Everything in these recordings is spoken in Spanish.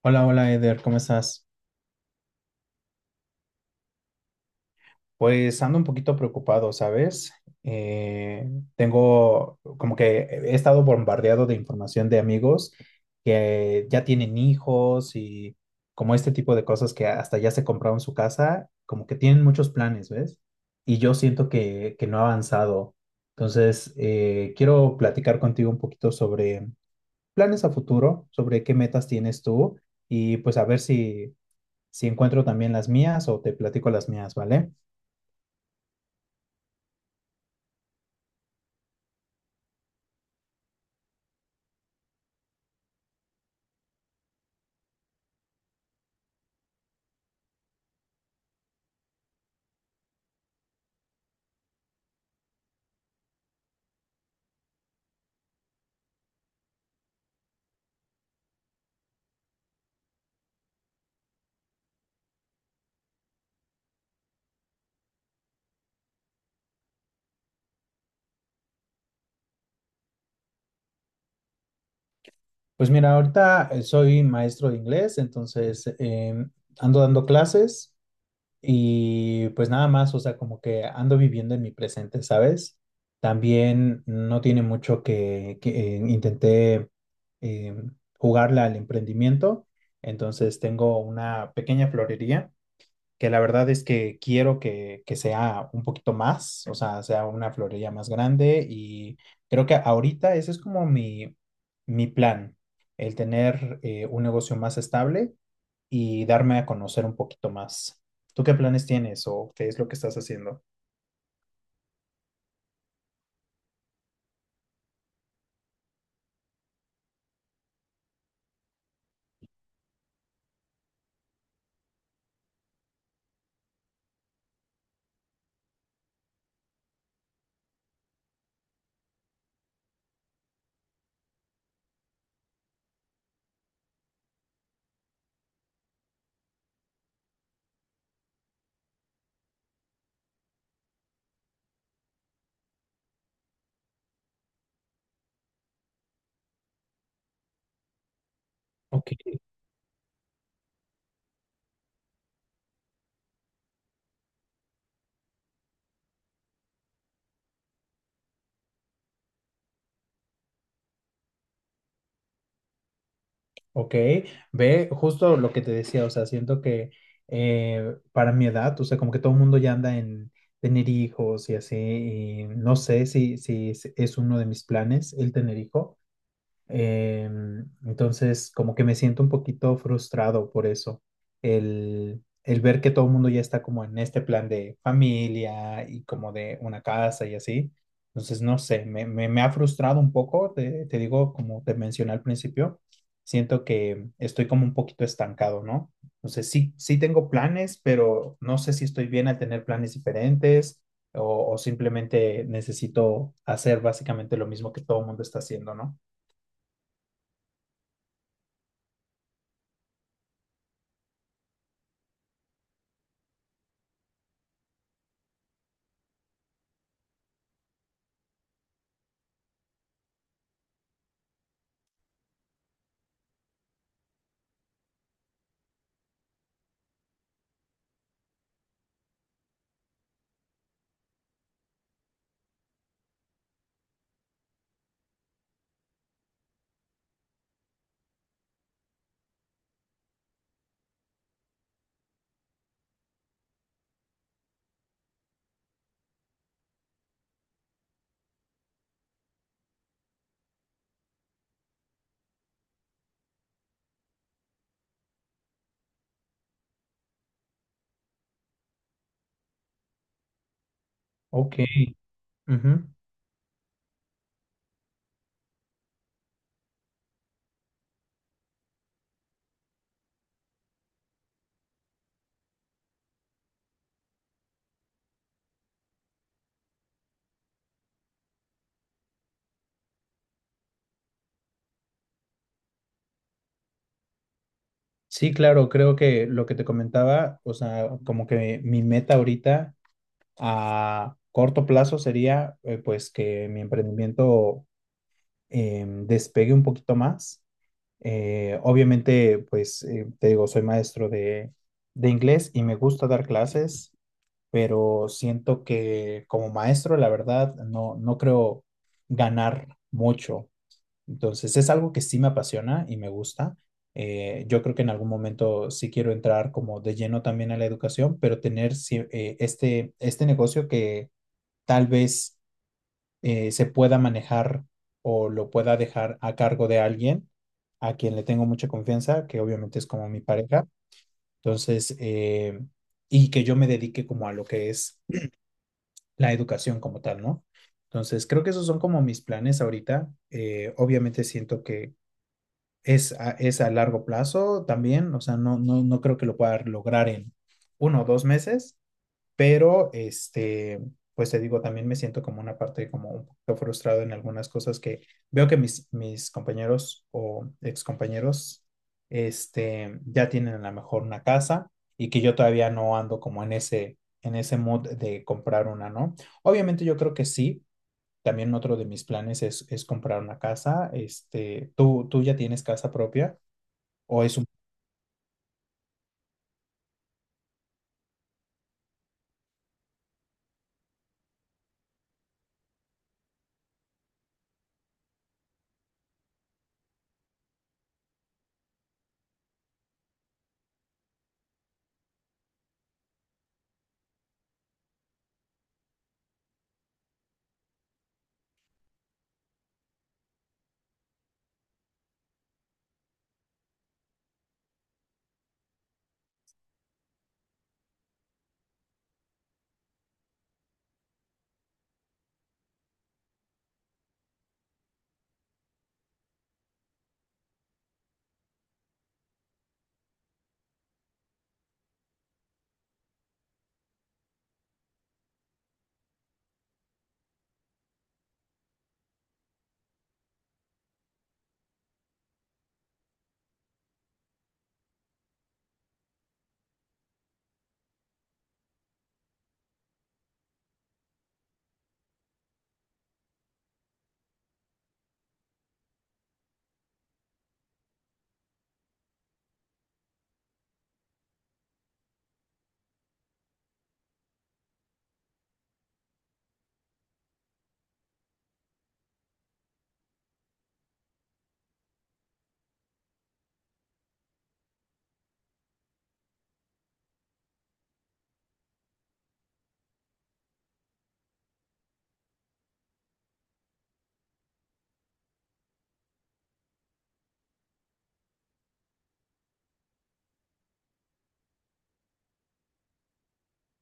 Hola, hola Eder, ¿cómo estás? Pues ando un poquito preocupado, ¿sabes? Eh, tengo como que he estado bombardeado de información de amigos que ya tienen hijos y como este tipo de cosas que hasta ya se compraron su casa, como que tienen muchos planes, ¿ves? Y yo siento que no ha avanzado. Entonces, quiero platicar contigo un poquito sobre planes a futuro, sobre qué metas tienes tú y pues a ver si encuentro también las mías o te platico las mías, ¿vale? Pues mira, ahorita soy maestro de inglés, entonces ando dando clases y pues nada más, o sea, como que ando viviendo en mi presente, ¿sabes? También no tiene mucho que intenté em, jugarle al emprendimiento, entonces tengo una pequeña florería que la verdad es que quiero que sea un poquito más, o sea, sea una florería más grande y creo que ahorita ese es como mi plan, el tener un negocio más estable y darme a conocer un poquito más. ¿Tú qué planes tienes o qué es lo que estás haciendo? Ok, ve justo lo que te decía, o sea, siento que para mi edad, o sea, como que todo el mundo ya anda en tener hijos y así, y no sé si, si es uno de mis planes el tener hijo. Entonces, como que me siento un poquito frustrado por eso. El ver que todo el mundo ya está como en este plan de familia y como de una casa y así. Entonces, no sé, me ha frustrado un poco, te digo, como te mencioné al principio, siento que estoy como un poquito estancado, ¿no? Entonces, sí, sí tengo planes, pero no sé si estoy bien al tener planes diferentes o simplemente necesito hacer básicamente lo mismo que todo el mundo está haciendo, ¿no? Ok, ujú. Sí, claro, creo que lo que te comentaba, o sea, como que mi meta ahorita a corto plazo sería pues que mi emprendimiento despegue un poquito más. Obviamente, pues te digo, soy maestro de inglés y me gusta dar clases, pero siento que como maestro, la verdad, no, no creo ganar mucho. Entonces es algo que sí me apasiona y me gusta. Yo creo que en algún momento sí quiero entrar como de lleno también a la educación, pero tener este, este negocio que tal vez se pueda manejar o lo pueda dejar a cargo de alguien a quien le tengo mucha confianza, que obviamente es como mi pareja. Entonces, y que yo me dedique como a lo que es la educación como tal, ¿no? Entonces, creo que esos son como mis planes ahorita. Obviamente siento que es a largo plazo también, o sea, no creo que lo pueda lograr en uno o dos meses, pero este, pues te digo, también me siento como una parte como un poquito frustrado en algunas cosas que veo que mis compañeros o excompañeros este, ya tienen a lo mejor una casa y que yo todavía no ando como en en ese mood de comprar una, ¿no? Obviamente yo creo que sí, también otro de mis planes es comprar una casa. Este, tú ya tienes casa propia o es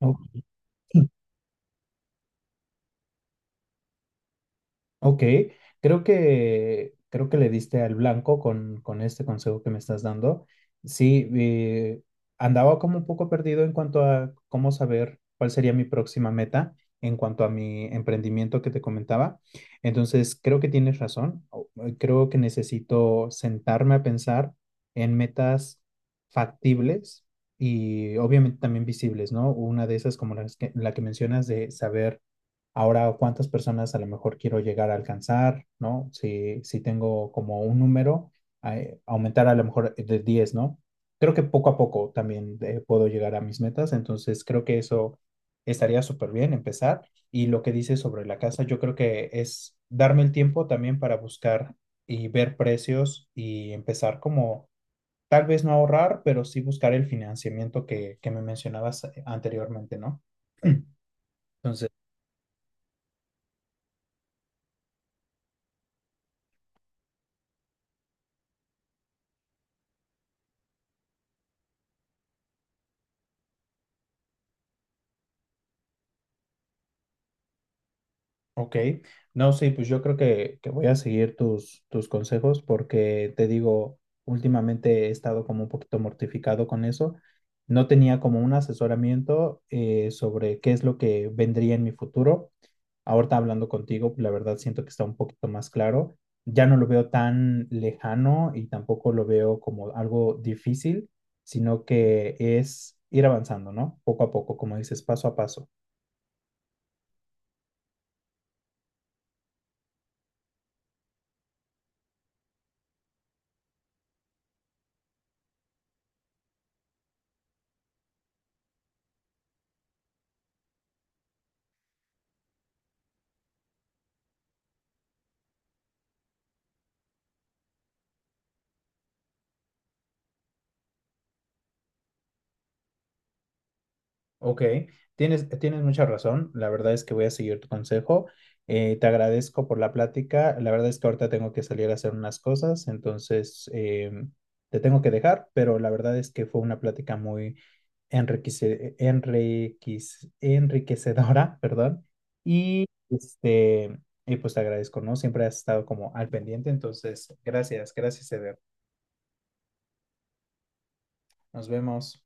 un... Ok, creo que le diste al blanco con este consejo que me estás dando. Sí, andaba como un poco perdido en cuanto a cómo saber cuál sería mi próxima meta en cuanto a mi emprendimiento que te comentaba. Entonces, creo que tienes razón. Creo que necesito sentarme a pensar en metas factibles y obviamente también visibles, ¿no? Una de esas como la que mencionas de saber ahora, ¿cuántas personas a lo mejor quiero llegar a alcanzar? ¿No? Si, si tengo como un número, aumentar a lo mejor de 10, ¿no? Creo que poco a poco también puedo llegar a mis metas, entonces creo que eso estaría súper bien empezar. Y lo que dices sobre la casa, yo creo que es darme el tiempo también para buscar y ver precios y empezar como tal vez no ahorrar, pero sí buscar el financiamiento que me mencionabas anteriormente, ¿no? Entonces... Ok, no, sí, pues yo creo que voy a seguir tus consejos porque te digo, últimamente he estado como un poquito mortificado con eso. No tenía como un asesoramiento sobre qué es lo que vendría en mi futuro. Ahorita hablando contigo, la verdad siento que está un poquito más claro. Ya no lo veo tan lejano y tampoco lo veo como algo difícil, sino que es ir avanzando, ¿no? Poco a poco, como dices, paso a paso. Ok, tienes mucha razón. La verdad es que voy a seguir tu consejo. Te agradezco por la plática. La verdad es que ahorita tengo que salir a hacer unas cosas, entonces te tengo que dejar, pero la verdad es que fue una plática muy enriquecedora, perdón. Y, este, y pues te agradezco, ¿no? Siempre has estado como al pendiente, entonces gracias, gracias, Eder. Nos vemos.